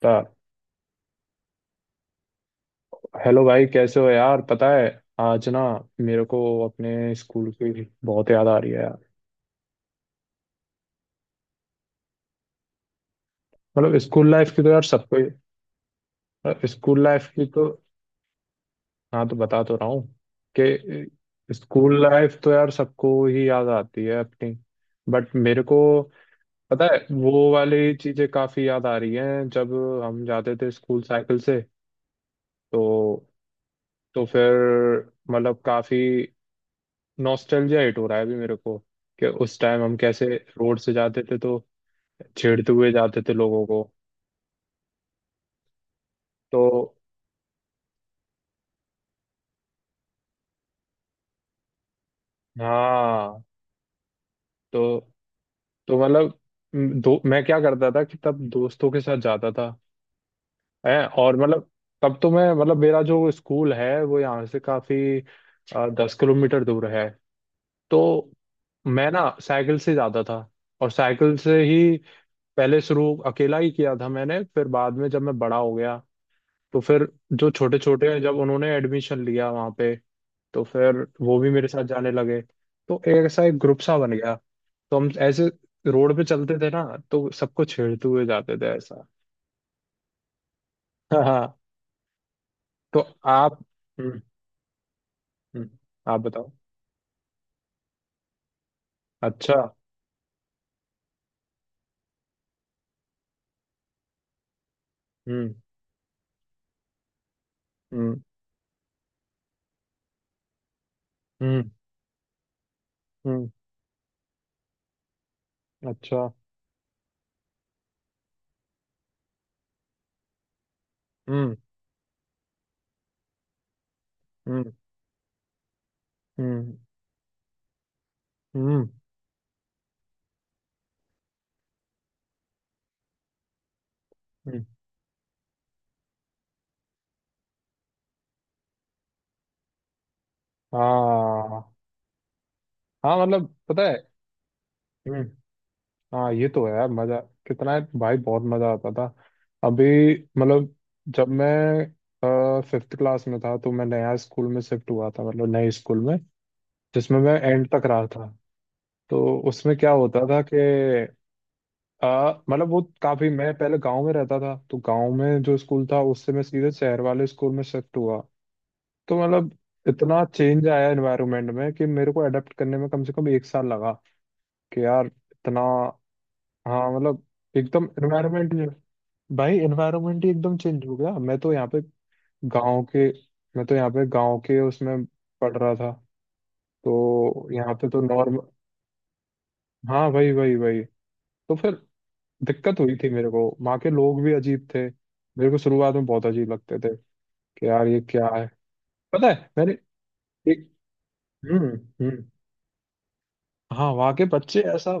ता- हेलो भाई, कैसे हो यार? पता है आज ना मेरे को अपने स्कूल की बहुत याद आ रही है यार। मतलब स्कूल लाइफ की तो यार सबको स्कूल लाइफ की तो हाँ तो बता तो रहा हूँ कि स्कूल लाइफ तो यार सबको ही याद आती है अपनी। बट मेरे को पता है वो वाली चीजें काफी याद आ रही हैं जब हम जाते थे स्कूल साइकिल से। तो तो फिर मतलब काफी नॉस्टैल्जिया हिट हो रहा है अभी मेरे को कि उस टाइम हम कैसे रोड से जाते थे तो छेड़ते हुए जाते थे लोगों को। तो हाँ, तो मतलब दो मैं क्या करता था कि तब दोस्तों के साथ जाता था है, और मतलब तब तो मैं मतलब मेरा जो स्कूल है वो यहाँ से काफी 10 किलोमीटर दूर है। तो मैं ना साइकिल से जाता था, और साइकिल से ही पहले शुरू अकेला ही किया था मैंने, फिर बाद में जब मैं बड़ा हो गया तो फिर जो छोटे छोटे हैं, जब उन्होंने एडमिशन लिया वहाँ पे तो फिर वो भी मेरे साथ जाने लगे। तो एक ऐसा एक ग्रुप सा बन गया। तो हम ऐसे रोड पे चलते थे ना तो सबको छेड़ते हुए जाते थे ऐसा। हाँ हाँ, तो आप, हम्म, हम्म, आप बताओ। अच्छा, हम्म, हम्म, हम्म, हम्म, अच्छा, हम्म, हम्म, हम्म, हम्म, हम्म, हाँ। हाँ मतलब पता है। हम्म, हाँ ये तो है यार, मजा कितना है भाई, बहुत मजा आता था। अभी मतलब जब मैं फिफ्थ क्लास में था तो मैं नया स्कूल में शिफ्ट हुआ था, मतलब नए स्कूल में जिसमें मैं एंड तक रहा था। तो उसमें क्या होता था कि मतलब वो काफी मैं पहले गांव में रहता था तो गांव में जो स्कूल था उससे मैं सीधे शहर वाले स्कूल में शिफ्ट हुआ। तो मतलब इतना चेंज आया एनवायरनमेंट में कि मेरे को अडेप्ट करने में कम से कम 1 साल लगा कि यार इतना। हाँ मतलब एकदम एनवायरनमेंट, भाई एनवायरनमेंट ही एकदम चेंज हो गया, मैं तो यहाँ पे गांव के, मैं तो यहाँ पे गांव के उसमें पढ़ रहा था तो यहाँ पे तो नॉर्म। हाँ भाई भाई भाई। तो फिर दिक्कत हुई थी मेरे को, वहाँ के लोग भी अजीब थे, मेरे को शुरुआत में बहुत अजीब लगते थे कि यार ये क्या है। पता है मैंने एक, हम्म, हम्म, हाँ वहाँ के बच्चे ऐसा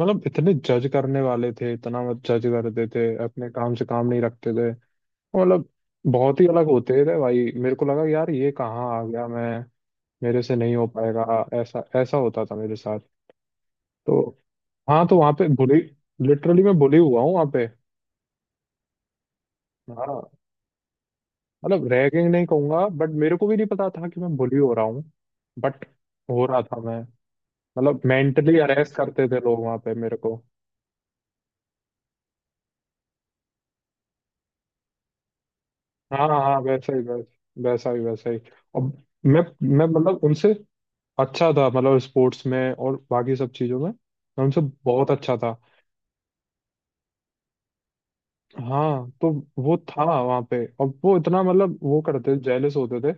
मतलब इतने जज करने वाले थे, इतना मत जज करते थे, अपने काम से काम नहीं रखते थे। मतलब बहुत ही अलग होते थे भाई, मेरे को लगा यार ये कहाँ आ गया मैं, मेरे से नहीं हो पाएगा, ऐसा ऐसा होता था मेरे साथ। तो हाँ, तो वहाँ पे बुली, लिटरली मैं बुली हुआ हूँ वहाँ पे। हाँ मतलब रैगिंग नहीं कहूंगा बट मेरे को भी नहीं पता था कि मैं बुली हो रहा हूँ, बट हो रहा था मैं। मतलब मेंटली अरेस्ट करते थे लोग वहाँ पे मेरे को। हाँ हाँ हाँ, वैसा ही वैसा ही। और मैं मैं मतलब उनसे अच्छा था, मतलब स्पोर्ट्स में और बाकी सब चीज़ों में मैं उनसे बहुत अच्छा था। हाँ तो वो था वहां पे और वो इतना मतलब वो करते थे, जेलस होते थे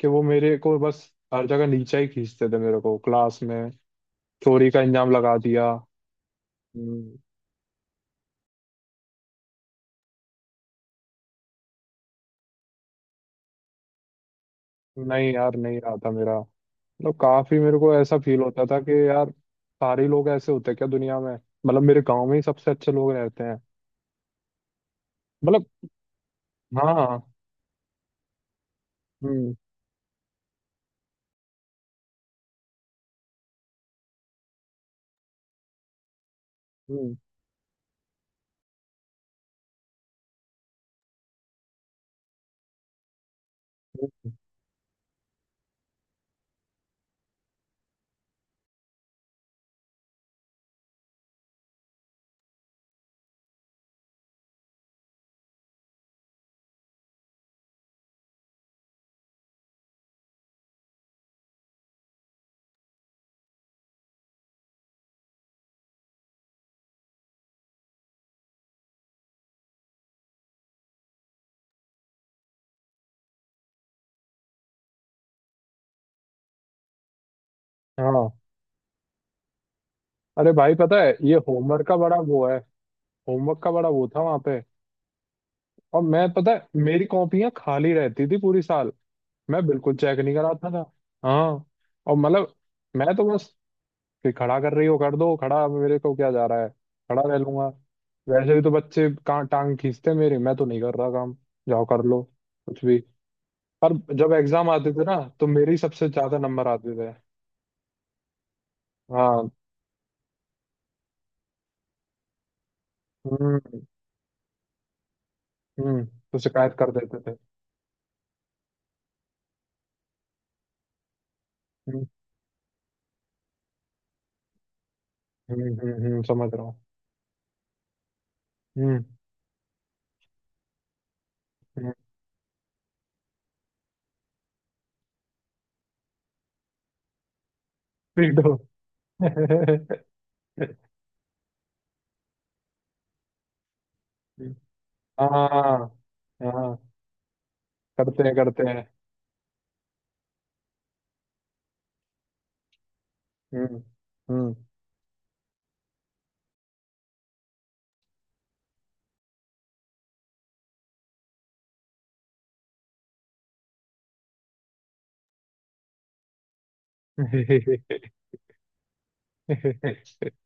कि वो मेरे को बस हर जगह नीचा ही खींचते थे, मेरे को क्लास में चोरी का इंजाम लगा दिया। हम्म, नहीं यार, नहीं रहा था मेरा, मतलब काफी मेरे को ऐसा फील होता था कि यार सारे लोग ऐसे होते हैं क्या दुनिया में, मतलब मेरे गांव में ही सबसे अच्छे लोग रहते हैं। मतलब हाँ। हम्म, हम्म, हम्म, हाँ। अरे भाई पता है ये होमवर्क का बड़ा वो है, होमवर्क का बड़ा वो था वहां पे। और मैं पता है मेरी कॉपियां खाली रहती थी पूरी साल, मैं बिल्कुल चेक नहीं कराता था। हाँ, और मतलब मैं तो बस कि खड़ा कर रही हो कर दो खड़ा, मेरे को क्या जा रहा है, खड़ा रह लूंगा, वैसे भी तो टांग खींचते मेरे, मैं तो नहीं कर रहा काम, जाओ कर लो कुछ भी। पर जब एग्जाम आते थे ना तो मेरी सबसे ज्यादा नंबर आते थे। हाँ, हम्म, हम्म। तो शिकायत कर देते थे। हम्म, हम्म, हम्म, समझ रहा हूँ। हम्म, हम्म। पीटो। हाँ हाँ, करते हैं करते हैं। हम्म, हम्म।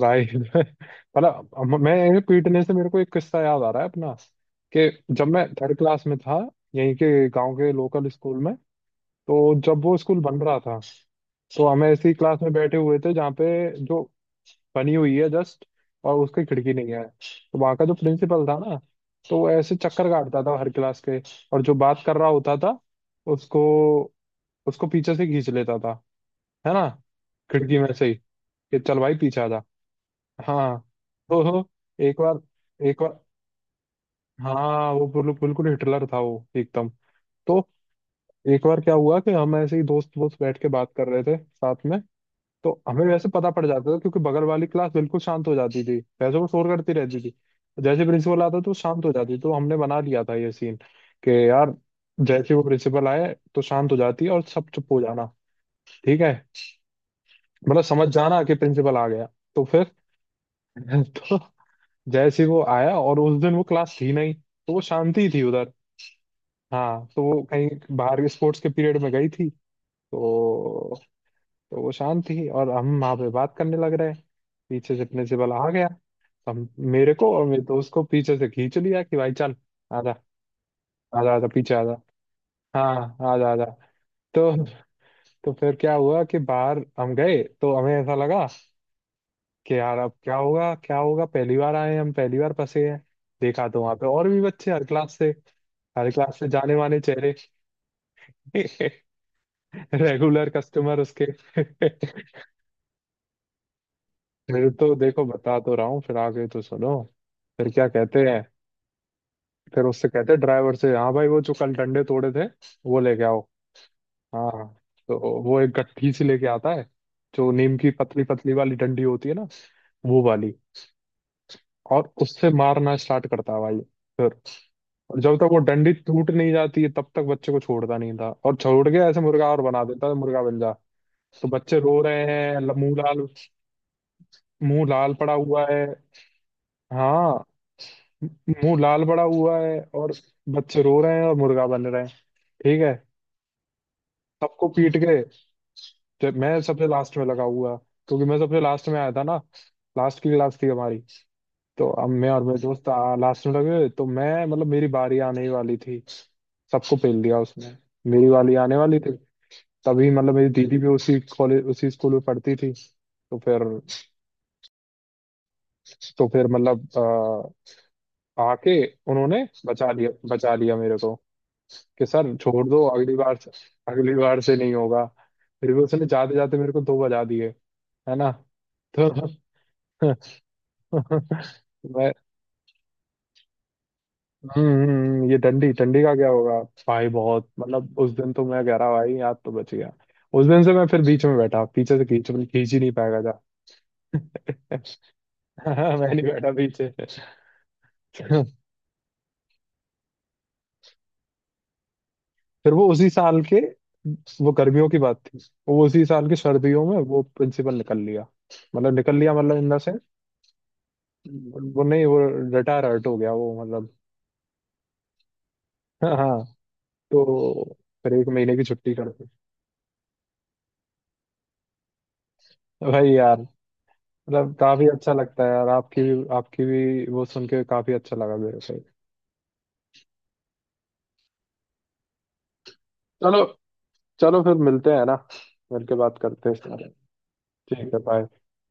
भाई मतलब मैं ऐसे पीटने से मेरे को एक किस्सा याद आ रहा है अपना, कि जब मैं थर्ड क्लास में था यहीं के गांव के लोकल स्कूल में। तो जब वो स्कूल बन रहा था तो हम ऐसी क्लास में बैठे हुए थे जहाँ पे जो बनी हुई है जस्ट और उसकी खिड़की नहीं है। तो वहाँ का जो प्रिंसिपल था ना तो वो ऐसे चक्कर काटता था हर क्लास के, और जो बात कर रहा होता था उसको उसको पीछे से खींच लेता था है ना, खिड़की में से ही कि चल भाई पीछे आ जा। हाँ तो एक बार एक बार, हाँ वो बिल्कुल बिल्कुल हिटलर था वो एकदम। तो एक बार क्या हुआ कि हम ऐसे ही दोस्त दोस्त बैठ के बात कर रहे थे साथ में। तो हमें वैसे पता पड़ जाता था क्योंकि बगल वाली क्लास बिल्कुल शांत हो जाती थी, वैसे वो शोर करती रहती थी, जैसे प्रिंसिपल आता तो शांत हो जाती, तो हमने बना लिया था ये सीन कि यार जैसे वो प्रिंसिपल आए तो शांत हो जाती और सब चुप हो जाना, ठीक है, मतलब समझ जाना कि प्रिंसिपल आ गया। तो फिर तो जैसे ही वो आया और उस दिन वो क्लास थी नहीं तो वो शांति ही थी उधर, हाँ तो वो कहीं बाहर स्पोर्ट्स के पीरियड में गई थी, तो वो शांत थी और हम वहां पे बात करने लग रहे हैं। पीछे से प्रिंसिपल आ गया, हम, मेरे को और मेरे दोस्त को पीछे से खींच लिया कि भाई चल आजा, आजा आजा पीछे आजा, हाँ आजा आजा। तो फिर क्या हुआ कि बाहर हम गए तो हमें ऐसा लगा कि यार अब क्या होगा क्या होगा, पहली बार आए हैं, हम पहली बार फंसे हैं। देखा तो वहां पे और भी बच्चे हर क्लास से, हर क्लास से जाने माने चेहरे, रेगुलर कस्टमर उसके। फिर तो देखो बता तो रहा हूँ फिर आगे तो सुनो। फिर क्या कहते हैं, फिर उससे कहते हैं ड्राइवर से, हाँ भाई वो जो कल डंडे तोड़े थे वो लेके आओ। हाँ तो वो एक गट्ठी से लेके आता है, जो नीम की पतली पतली वाली डंडी होती है ना, वो वाली। और उससे मारना स्टार्ट करता है भाई। फिर, और जब तक वो डंडी टूट नहीं जाती है तब तक बच्चे को छोड़ता नहीं था, और छोड़ के ऐसे मुर्गा और बना देता है, मुर्गा बन जा। तो बच्चे रो रहे हैं, मुंह लाल, मुंह लाल पड़ा हुआ है, हाँ, मुंह लाल पड़ा हुआ है और बच्चे रो रहे हैं और मुर्गा बन रहे हैं, ठीक है, सबको पीट के। जब मैं सबसे लास्ट में लगा हुआ, क्योंकि मैं सबसे लास्ट में आया था ना, लास्ट की क्लास थी हमारी। तो अब मैं और मेरे दोस्त लास्ट में लगे तो मैं मतलब मेरी बारी आने ही वाली थी, सबको पेल दिया उसने, मेरी वाली आने वाली थी, तभी मतलब मेरी दीदी भी उसी कॉलेज उसी स्कूल में पढ़ती थी तो फिर, तो फिर मतलब आके उन्होंने बचा लिया, बचा लिया मेरे को, कि सर छोड़ दो, अगली बार से नहीं होगा। फिर भी उसने जाते जाते मेरे को दो बजा दिए, है ना, तो मैं, हम्म, ये डंडी डंडी का क्या होगा। भाई बहुत मतलब उस दिन तो मैं कह रहा भाई याद तो बच गया, उस दिन से मैं फिर बीच में बैठा, पीछे से खींच खींच ही नहीं पाएगा था। मैं नहीं बैठा पीछे। फिर वो उसी साल के, वो गर्मियों की बात थी, वो उसी साल की सर्दियों में वो प्रिंसिपल निकल लिया, मतलब निकल लिया मतलब इन द सेंस वो नहीं, वो रिटायर हर्ट हो गया वो मतलब। हाँ हाँ, तो फिर 1 महीने की छुट्टी कर दी। भाई यार मतलब काफी अच्छा लगता है यार, आपकी भी वो सुन के काफी अच्छा लगा मेरे को। चलो, चलो फिर मिलते हैं ना, मिलके बात करते हैं इस बारे में। ठीक है, बाय।